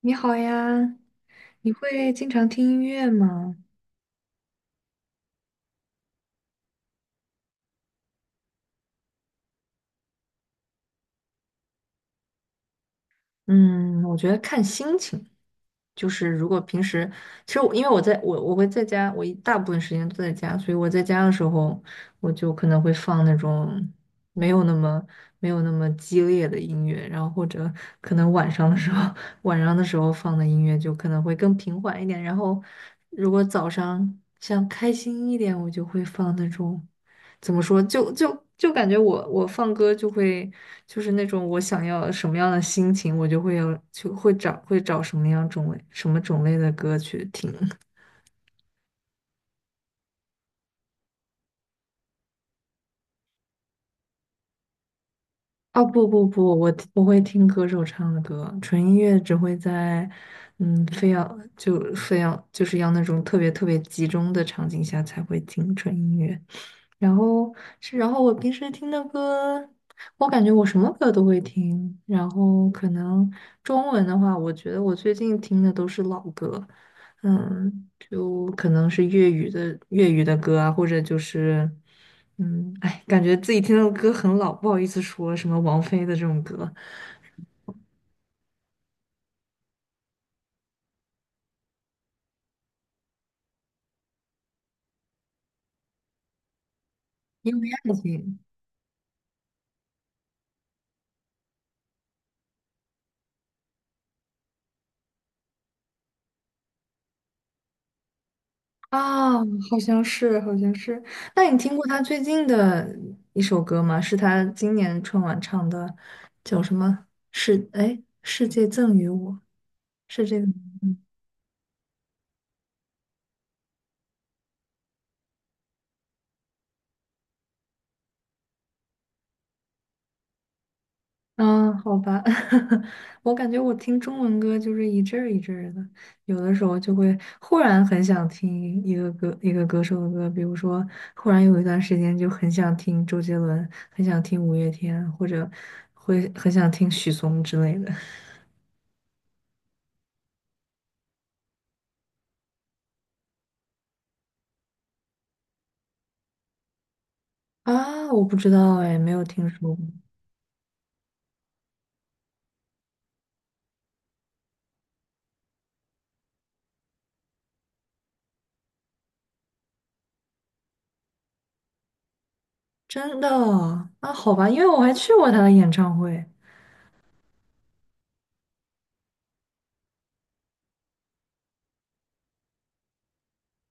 你好呀，你会经常听音乐吗？嗯，我觉得看心情，就是如果平时，其实我因为我在我会在家，我一大部分时间都在家，所以我在家的时候，我就可能会放那种没有那么激烈的音乐，然后或者可能晚上的时候，晚上的时候放的音乐就可能会更平缓一点，然后如果早上想开心一点，我就会放那种。怎么说，就感觉我放歌就会就是那种我想要什么样的心情，我就会有就会找什么样种类的歌去听。哦，不不不，我不会听歌手唱的歌，纯音乐只会在，嗯，非要就是要那种特别特别集中的场景下才会听纯音乐。然后是，然后我平时听的歌，我感觉我什么歌都会听。然后可能中文的话，我觉得我最近听的都是老歌，嗯，就可能是粤语的歌啊，或者就是，嗯，哎，感觉自己听的歌很老，不好意思说什么王菲的这种歌，因为爱情啊，好像是，好像是。那你听过他最近的一首歌吗？是他今年春晚唱的，叫什么？是，哎，世界赠予我，是这个。嗯，好吧，我感觉我听中文歌就是一阵儿一阵儿的，有的时候就会忽然很想听一个歌手的歌，比如说忽然有一段时间就很想听周杰伦，很想听五月天，或者会很想听许嵩之类的。啊，我不知道哎，没有听说过，真的啊，好吧，因为我还去过他的演唱会，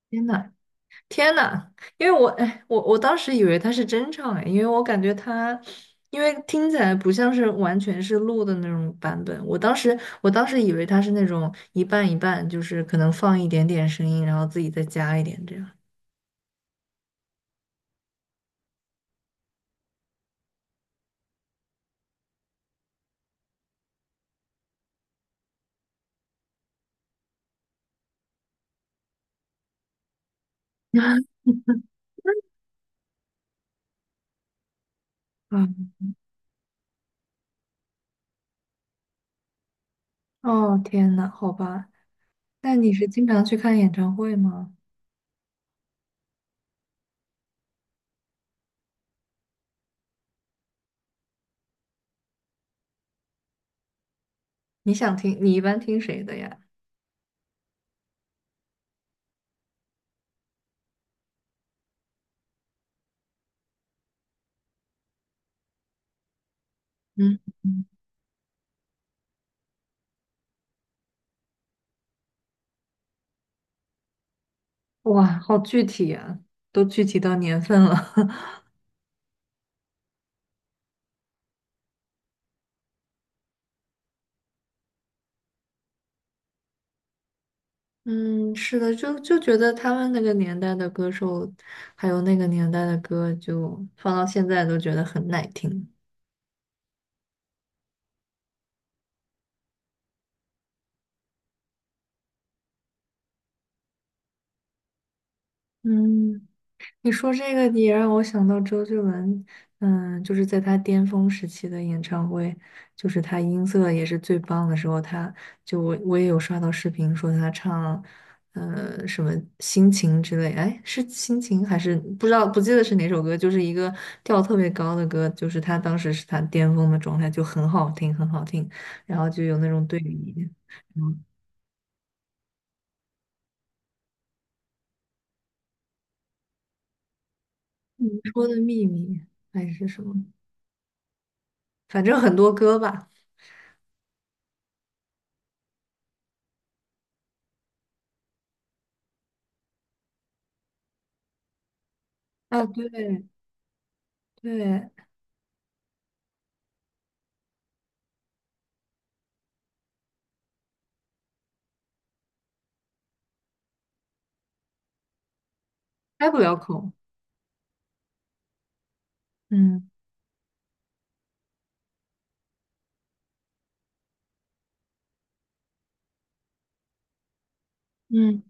天呐！天呐，因为我哎，我当时以为他是真唱哎，因为我感觉他，因为听起来不像是完全是录的那种版本。我当时以为他是那种一半一半，就是可能放一点点声音，然后自己再加一点这样。嗯，哦天呐，好吧，那你是经常去看演唱会吗？你想听，你一般听谁的呀？嗯，哇，好具体啊，都具体到年份了。嗯，是的，就觉得他们那个年代的歌手，还有那个年代的歌，就放到现在都觉得很耐听。嗯。你说这个也让我想到周杰伦，嗯，就是在他巅峰时期的演唱会，就是他音色也是最棒的时候，他就我也有刷到视频说他唱，什么心情之类，哎，是心情还是不知道不记得是哪首歌，就是一个调特别高的歌，就是他当时是他巅峰的状态，就很好听，很好听，然后就有那种对比，嗯，你说的秘密还是什么，反正很多歌吧。啊，对对，开不了口。嗯嗯，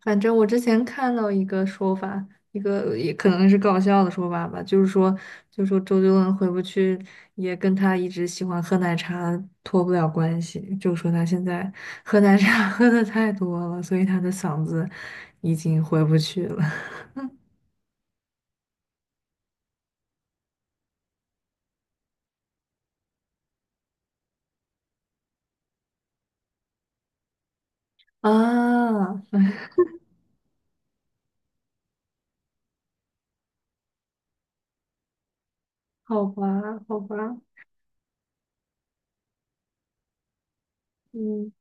反正我之前看到一个说法，一个也可能是搞笑的说法吧，就是说，就说周杰伦回不去，也跟他一直喜欢喝奶茶脱不了关系，就说他现在喝奶茶 喝的太多了，所以他的嗓子已经回不去了。啊，好吧，好吧，嗯。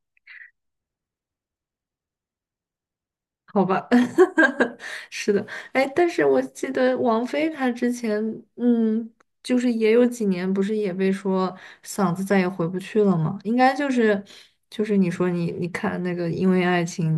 好吧，是的，哎，但是我记得王菲她之前，嗯，就是也有几年，不是也被说嗓子再也回不去了吗？应该就是，就是你说你看那个《因为爱情》，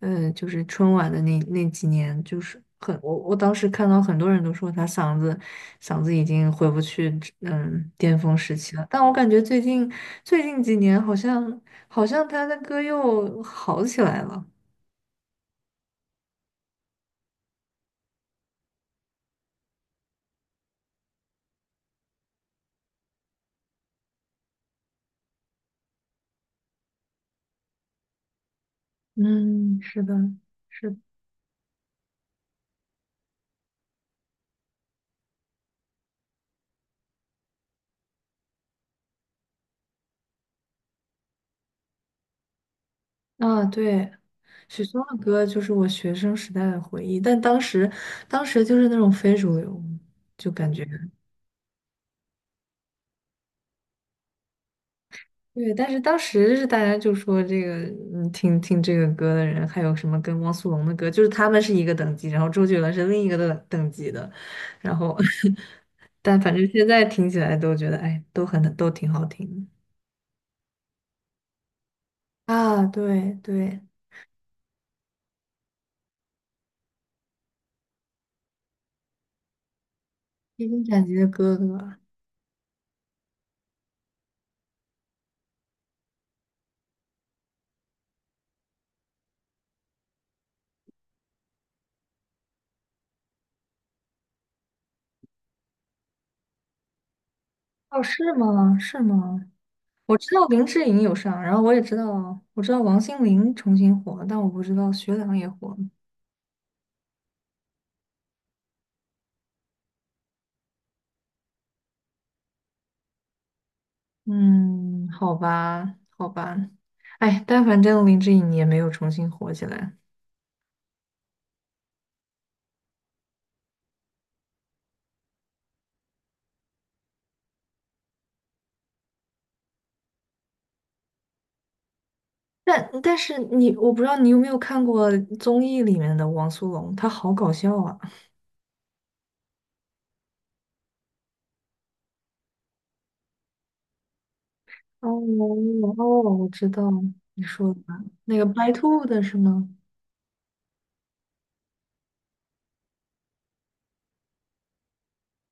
就是春晚的那几年，就是很我当时看到很多人都说她嗓子已经回不去，嗯，巅峰时期了。但我感觉最近几年好像她的歌又好起来了。嗯，是的，是的啊，对，许嵩的歌就是我学生时代的回忆，但当时，当时就是那种非主流，就感觉对，但是当时是大家就说这个，嗯，听这个歌的人，还有什么跟汪苏泷的歌，就是他们是一个等级，然后周杰伦是另一个等级的，然后，但反正现在听起来都觉得，哎，都挺好听的啊，对对，披荆斩棘的哥哥，哦，是吗？是吗？我知道林志颖有上，然后我也知道，我知道王心凌重新火了，但我不知道薛良也火了。嗯，好吧，好吧，哎，但反正林志颖也没有重新火起来。但是你，我不知道你有没有看过综艺里面的王苏泷，他好搞笑啊！哦哦，我知道你说的那个白兔的是吗？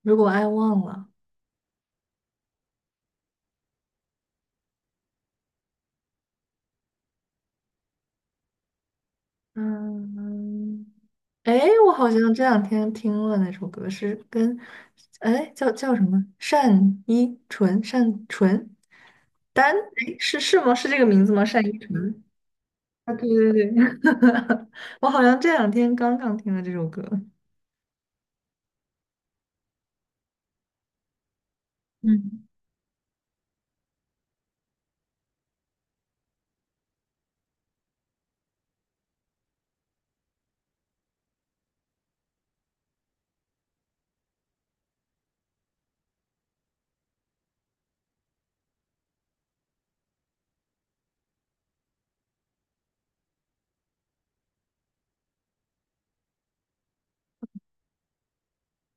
如果爱忘了，嗯。哎，我好像这两天听了那首歌，是跟，哎，叫什么？单依纯，单纯，单，哎，是吗？是这个名字吗？单依纯。啊，对对对，我好像这两天刚刚听了这首歌，嗯，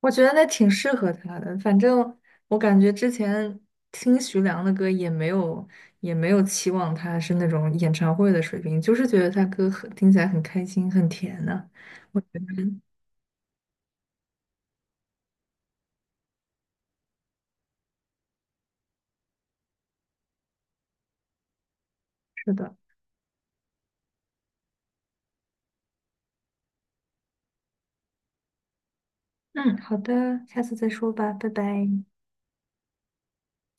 我觉得那挺适合他的。反正我感觉之前听徐良的歌也没有期望他是那种演唱会的水平，就是觉得他歌很听起来很开心，很甜呢、我觉得是的。嗯，好的，下次再说吧，拜拜。